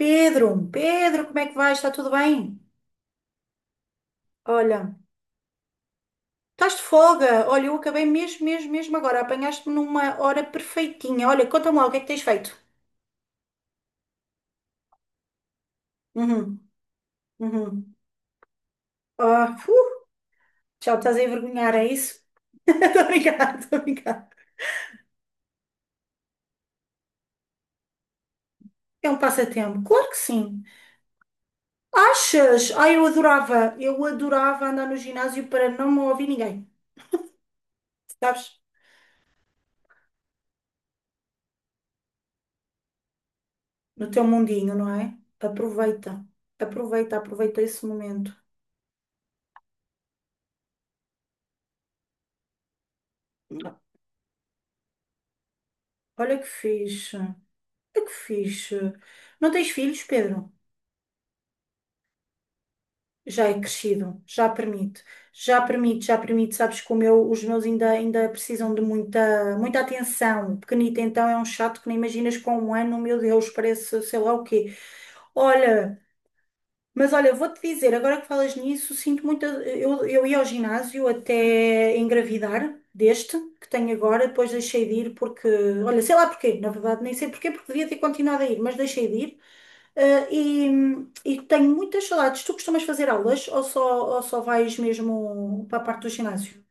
Pedro, Pedro, como é que vais? Está tudo bem? Olha, estás de folga? Olha, eu acabei mesmo, mesmo, mesmo agora. Apanhaste-me numa hora perfeitinha. Olha, conta-me lá o que é que tens feito. Uhum, uhum. Ah, já me estás a envergonhar, é isso? Estou a brincar, estou a brincar. É um passatempo, claro que sim. Achas? Ah, eu adorava andar no ginásio para não me ouvir ninguém, sabes? No teu mundinho, não é? Aproveita, aproveita, aproveita esse momento. Olha que fixe. Que fixe. Não tens filhos, Pedro? Já é crescido, já permite. Já permite, já permite. Sabes que os meus ainda precisam de muita, muita atenção. O pequenito então é um chato que nem imaginas com 1 ano, meu Deus, parece sei lá o quê. Olha. Mas olha, vou-te dizer, agora que falas nisso, sinto muita. Eu ia ao ginásio até engravidar deste que tenho agora, depois deixei de ir porque. Olha, sei lá porquê, na verdade, nem sei porquê, porque devia ter continuado a ir, mas deixei de ir. Ah, e tenho muitas saudades. Tu costumas fazer aulas ou ou só vais mesmo para a parte do ginásio?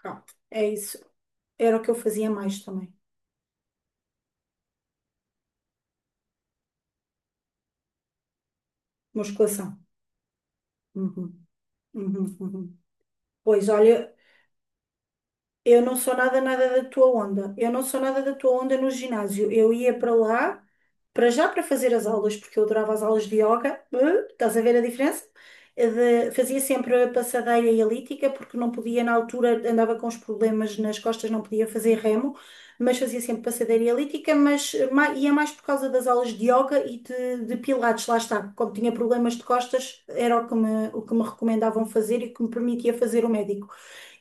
Pronto, é isso. Era o que eu fazia mais também. Musculação. Uhum, uhum, uhum. Pois olha. Eu não sou nada, nada da tua onda. Eu não sou nada da tua onda no ginásio. Eu ia para lá, para já para fazer as aulas, porque eu adorava as aulas de yoga. Estás a ver a diferença? Eh, fazia sempre a passadeira e elíptica, porque não podia, na altura andava com os problemas nas costas, não podia fazer remo, mas fazia sempre passadeira e elíptica, mas ia mais por causa das aulas de yoga e de pilates, lá está. Como tinha problemas de costas, era o que me recomendavam fazer e que me permitia fazer o médico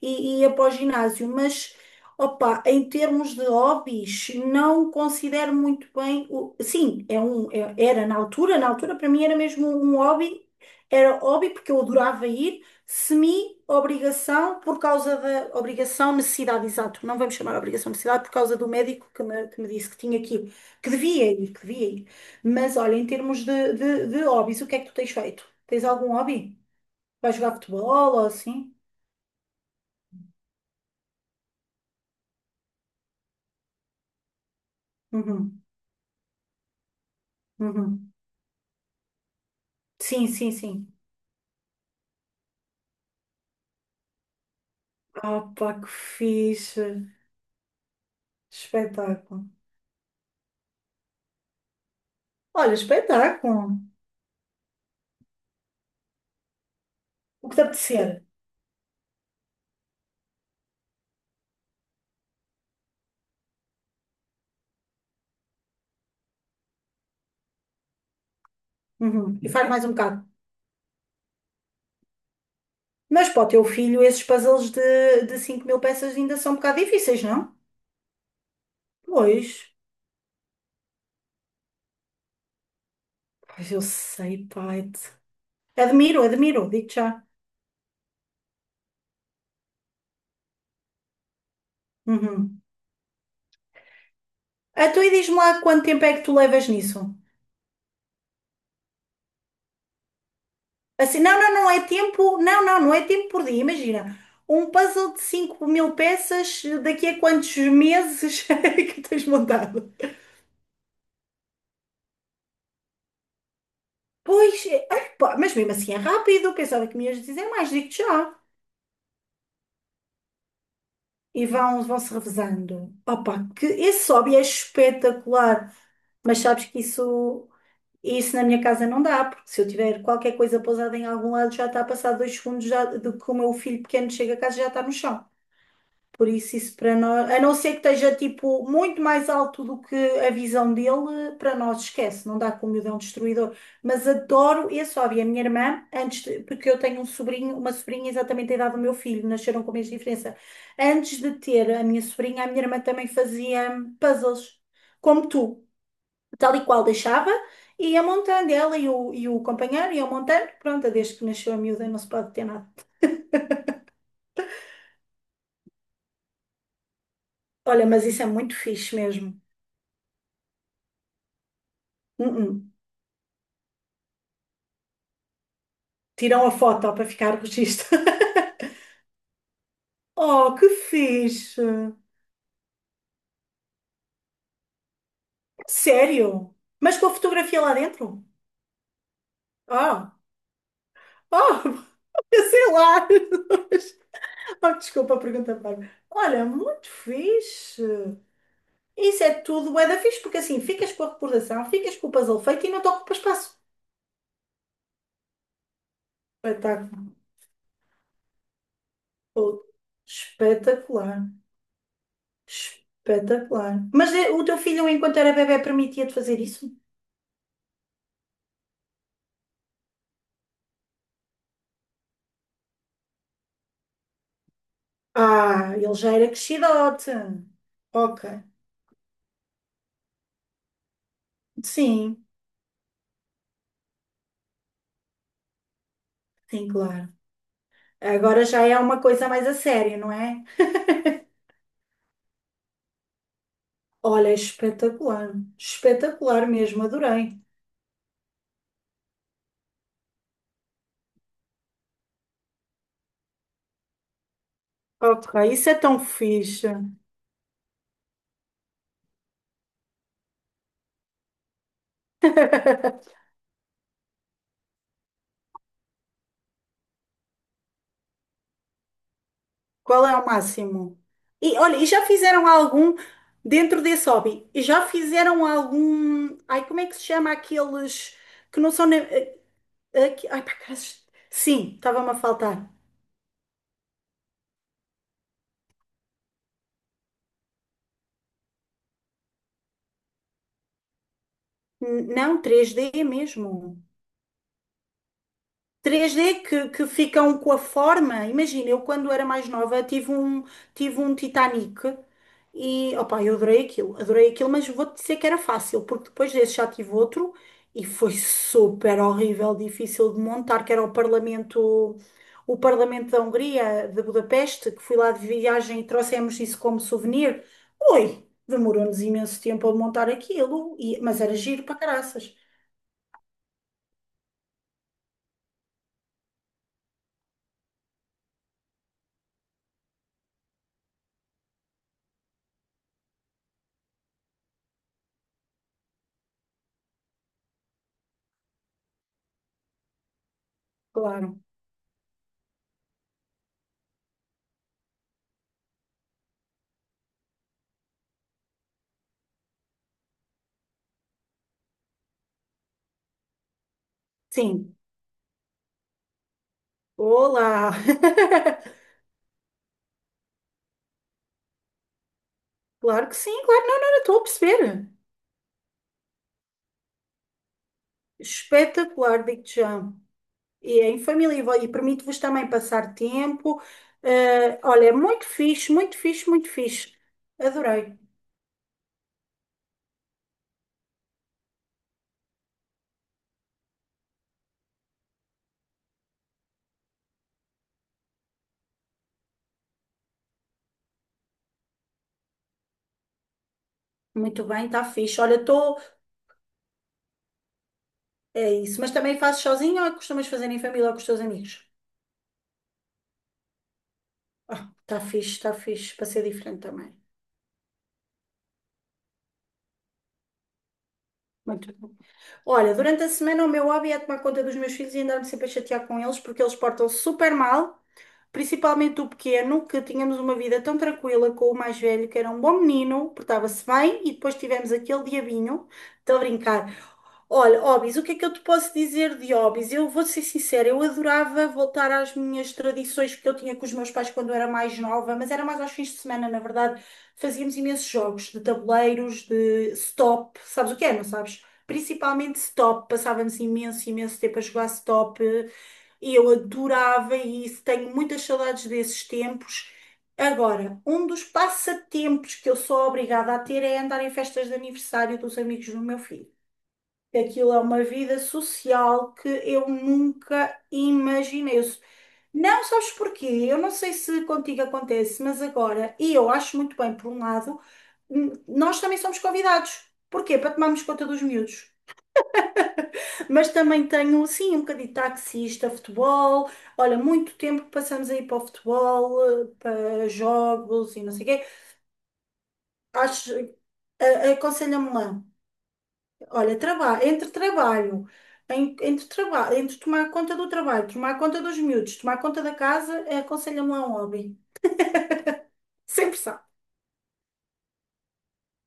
e ia para o ginásio, mas opa, em termos de hobbies, não considero muito bem o. Sim, era na altura, para mim era mesmo um hobby, era hobby porque eu adorava ir, semi-obrigação por causa da obrigação, necessidade, exato, não vamos chamar obrigação, necessidade, por causa do médico que me disse que tinha que ir, que devia ir, que devia ir. Mas olha, em termos de hobbies, o que é que tu tens feito? Tens algum hobby? Vais jogar futebol ou assim? Uhum, uhum. Sim, sim, sim. Opa, que fixe. Espetáculo. Olha, espetáculo. O que te apetecer. Uhum. E faz mais um bocado. Mas para o teu filho, esses puzzles de 5000 peças ainda são um bocado difíceis, não? Pois. Pois eu sei, pai. Admiro, admiro. Digo-te já. Uhum. Então, e diz-me lá quanto tempo é que tu levas nisso? Assim, não, não, não é tempo. Não, não, não é tempo por dia. Imagina. Um puzzle de 5000 peças, daqui a quantos meses é que tens montado? Pois, é, ai, pá, mas mesmo assim é rápido, eu pensava que me ias dizer é mais, digo-te já. E vão-se revezando. Opa, que esse hobby é espetacular, mas sabes que isso na minha casa não dá, porque se eu tiver qualquer coisa pousada em algum lado, já está a passar 2 segundos já, de que o meu filho pequeno chega a casa e já está no chão. Por isso, isso para nós, a não ser que esteja tipo muito mais alto do que a visão dele, para nós esquece, não dá com o miudão destruidor. Mas adoro esse hobby. A minha irmã, porque eu tenho um sobrinho, uma sobrinha exatamente da idade do meu filho, nasceram com a mesma diferença. Antes de ter a minha sobrinha, a minha irmã também fazia puzzles, como tu, tal e qual deixava, e ia montando ela e o companheiro, ia montando. Pronto, desde que nasceu a miúda, não se pode ter nada. Olha, mas isso é muito fixe mesmo. Uh-uh. Tiram a foto para ficar registro. Oh, que fixe! Sério? Mas com a fotografia lá dentro? Oh, oh, eu sei lá. Oh, desculpa a pergunta, Bárbara. Olha, muito fixe. Isso é tudo bué da fixe, porque assim, ficas com a recordação, ficas com o puzzle feito e não te ocupa espaço. Espetáculo. Oh, espetacular. Espetacular. Mas o teu filho, enquanto era bebé, permitia-te fazer isso? Ah, ele já era crescidote. Ok. Sim, sim, claro. Agora já é uma coisa mais a sério, não é? Olha, espetacular, espetacular mesmo, adorei. Ok, isso é tão fixe. Qual é o máximo? E olha, e já fizeram algum dentro desse hobby? E já fizeram algum? Ai, como é que se chama aqueles que não são nem... Ai, para acaso. Sim, estava-me a faltar. Não, três d mesmo. 3D que ficam com a forma. Imagina, eu quando era mais nova tive um, Titanic e opa, eu adorei aquilo, mas vou-te dizer que era fácil, porque depois desse já tive outro e foi super horrível, difícil de montar, que era o Parlamento da Hungria, de Budapeste, que fui lá de viagem e trouxemos isso como souvenir. Oi, demorou-nos imenso tempo a montar aquilo, mas era giro para caraças, claro. Sim. Olá! Claro que sim, claro, não, não, não, estou a perceber. Espetacular, digo-te já. E é em família e permite-vos também passar tempo. Eh, olha, é muito fixe, muito fixe, muito fixe. Adorei. Muito bem, está fixe. Olha, estou. É isso, mas também fazes sozinho ou costumas fazer em família ou com os teus amigos? Ah, está fixe, está fixe, para ser diferente também. Muito bom. Olha, durante a semana o meu hobby é tomar conta dos meus filhos e andar-me sempre a chatear com eles porque eles portam-se super mal. Principalmente o pequeno, que tínhamos uma vida tão tranquila com o mais velho, que era um bom menino, portava-se bem, e depois tivemos aquele diabinho. Estou a brincar. Olha, hobbies, o que é que eu te posso dizer de hobbies? Eu vou ser sincera, eu adorava voltar às minhas tradições que eu tinha com os meus pais quando eu era mais nova, mas era mais aos fins de semana, na verdade. Fazíamos imensos jogos de tabuleiros, de stop. Sabes o que é, não sabes? Principalmente stop. Passávamos imenso, imenso tempo a jogar stop. E eu adorava isso, tenho muitas saudades desses tempos. Agora, um dos passatempos que eu sou obrigada a ter é andar em festas de aniversário dos amigos do meu filho. Aquilo é uma vida social que eu nunca imaginei. Não sabes porquê? Eu não sei se contigo acontece, mas agora, e eu acho muito bem, por um lado, nós também somos convidados. Porquê? Para tomarmos conta dos miúdos. Mas também tenho, sim, um bocadinho de taxista, futebol. Olha, muito tempo que passamos aí para o futebol, para jogos e não sei o quê. Acho, aconselha-me lá. Olha, entre trabalho, entre trabalho, entre tomar conta do trabalho, tomar conta dos miúdos, tomar conta da casa, aconselha-me lá um hobby. Sempre sabe.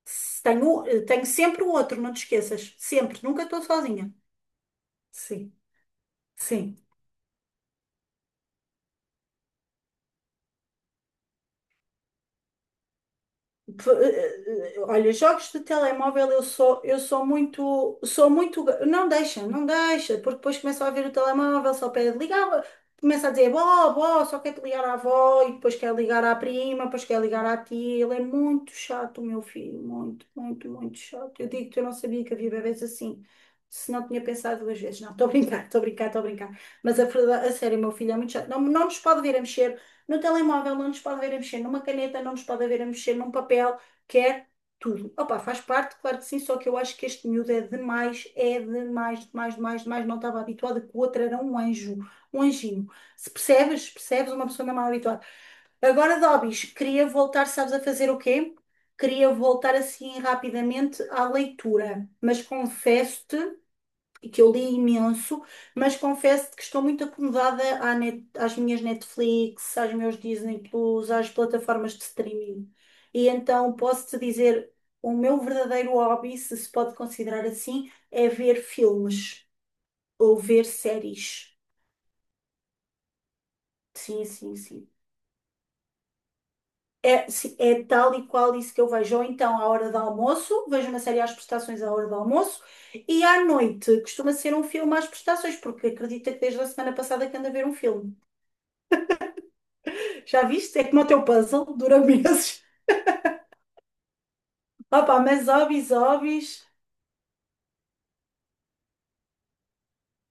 Se tenho, tenho sempre o outro, não te esqueças. Sempre, nunca estou sozinha. Sim, sim. Olha, jogos de telemóvel eu sou, muito, não deixa, não deixa, porque depois começa a ver o telemóvel, só pede ligar, começa a dizer, bó, bó, só quer te ligar à avó, e depois quer ligar à prima, depois quer ligar à tia, ele é muito chato, o meu filho, muito, muito, muito chato. Eu digo que eu não sabia que havia bebés assim, se não tinha pensado duas vezes, não, estou a brincar, estou a brincar, estou a brincar, mas a verdade, a sério, o meu filho é muito chato, não, não nos pode ver a mexer no telemóvel não nos pode ver a mexer numa caneta, não nos pode ver a mexer num papel, quer tudo. Opa, faz parte, claro que sim, só que eu acho que este miúdo é demais, demais, demais, demais. Não estava habituada que o outro era um anjo, um anjinho. Se percebes, percebes, uma pessoa não é mal habituada. Agora, Dobis, queria voltar, sabes, a fazer o quê? Queria voltar assim rapidamente à leitura, mas confesso-te e que eu li imenso, mas confesso que estou muito acomodada às minhas Netflix, aos meus Disney Plus, às plataformas de streaming. E então posso-te dizer, o meu verdadeiro hobby, se se pode considerar assim, é ver filmes ou ver séries. Sim, sim, sim. É, sim, é tal e qual isso que eu vejo. Ou então, à hora do almoço, vejo uma série às prestações à hora do almoço, e à noite costuma ser um filme às prestações, porque acredita que desde a semana passada que ando a ver um filme. Já viste? É como o teu puzzle, dura meses. Opa, mas hobbies, hobbies.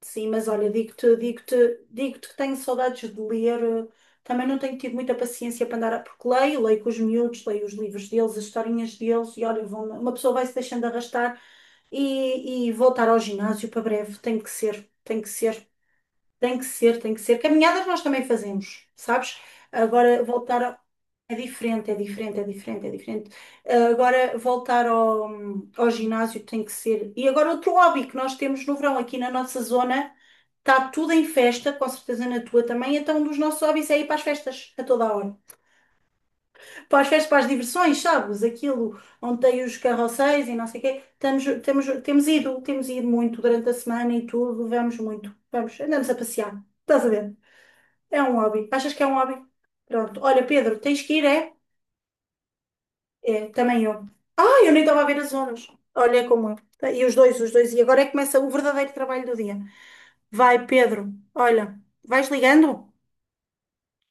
Sim, mas olha, digo-te, digo-te, digo-te que tenho saudades de ler. Também não tenho tido muita paciência para andar a... Porque leio, leio com os miúdos, leio os livros deles, as historinhas deles. E olha, vão... uma pessoa vai se deixando arrastar e voltar ao ginásio para breve. Tem que ser, tem que ser. Tem que ser, tem que ser. Caminhadas nós também fazemos, sabes? Agora voltar a... é diferente, é diferente, é diferente, é diferente. Ah, agora voltar ao ginásio tem que ser. E agora outro hobby que nós temos no verão aqui na nossa zona, está tudo em festa, com certeza na tua também, então um dos nossos hobbies é ir para as festas a toda a hora. Para as festas, para as diversões, sabes? Aquilo onde tem os carrosséis e não sei o quê. Temos ido muito durante a semana e tudo, vamos muito, vamos, andamos a passear. Estás a ver? É um hobby. Achas que é um hobby? Pronto. Olha, Pedro, tens que ir, é? É, também eu. Ah, eu nem estava a ver as horas. Olha como eu. Tá, e os dois, os dois. E agora é que começa o verdadeiro trabalho do dia. Vai, Pedro. Olha, vais ligando?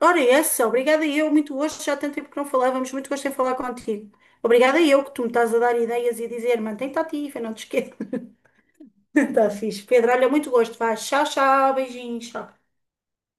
Ora, essa, obrigada eu. Muito gosto, já há tanto tempo que não falávamos. Muito gosto em falar contigo. Obrigada eu que tu me estás a dar ideias e a dizer, mantém-te ativa, não te esqueças. Está fixe. Pedro, olha, muito gosto. Vai, tchau, tchau. Beijinhos, tchau.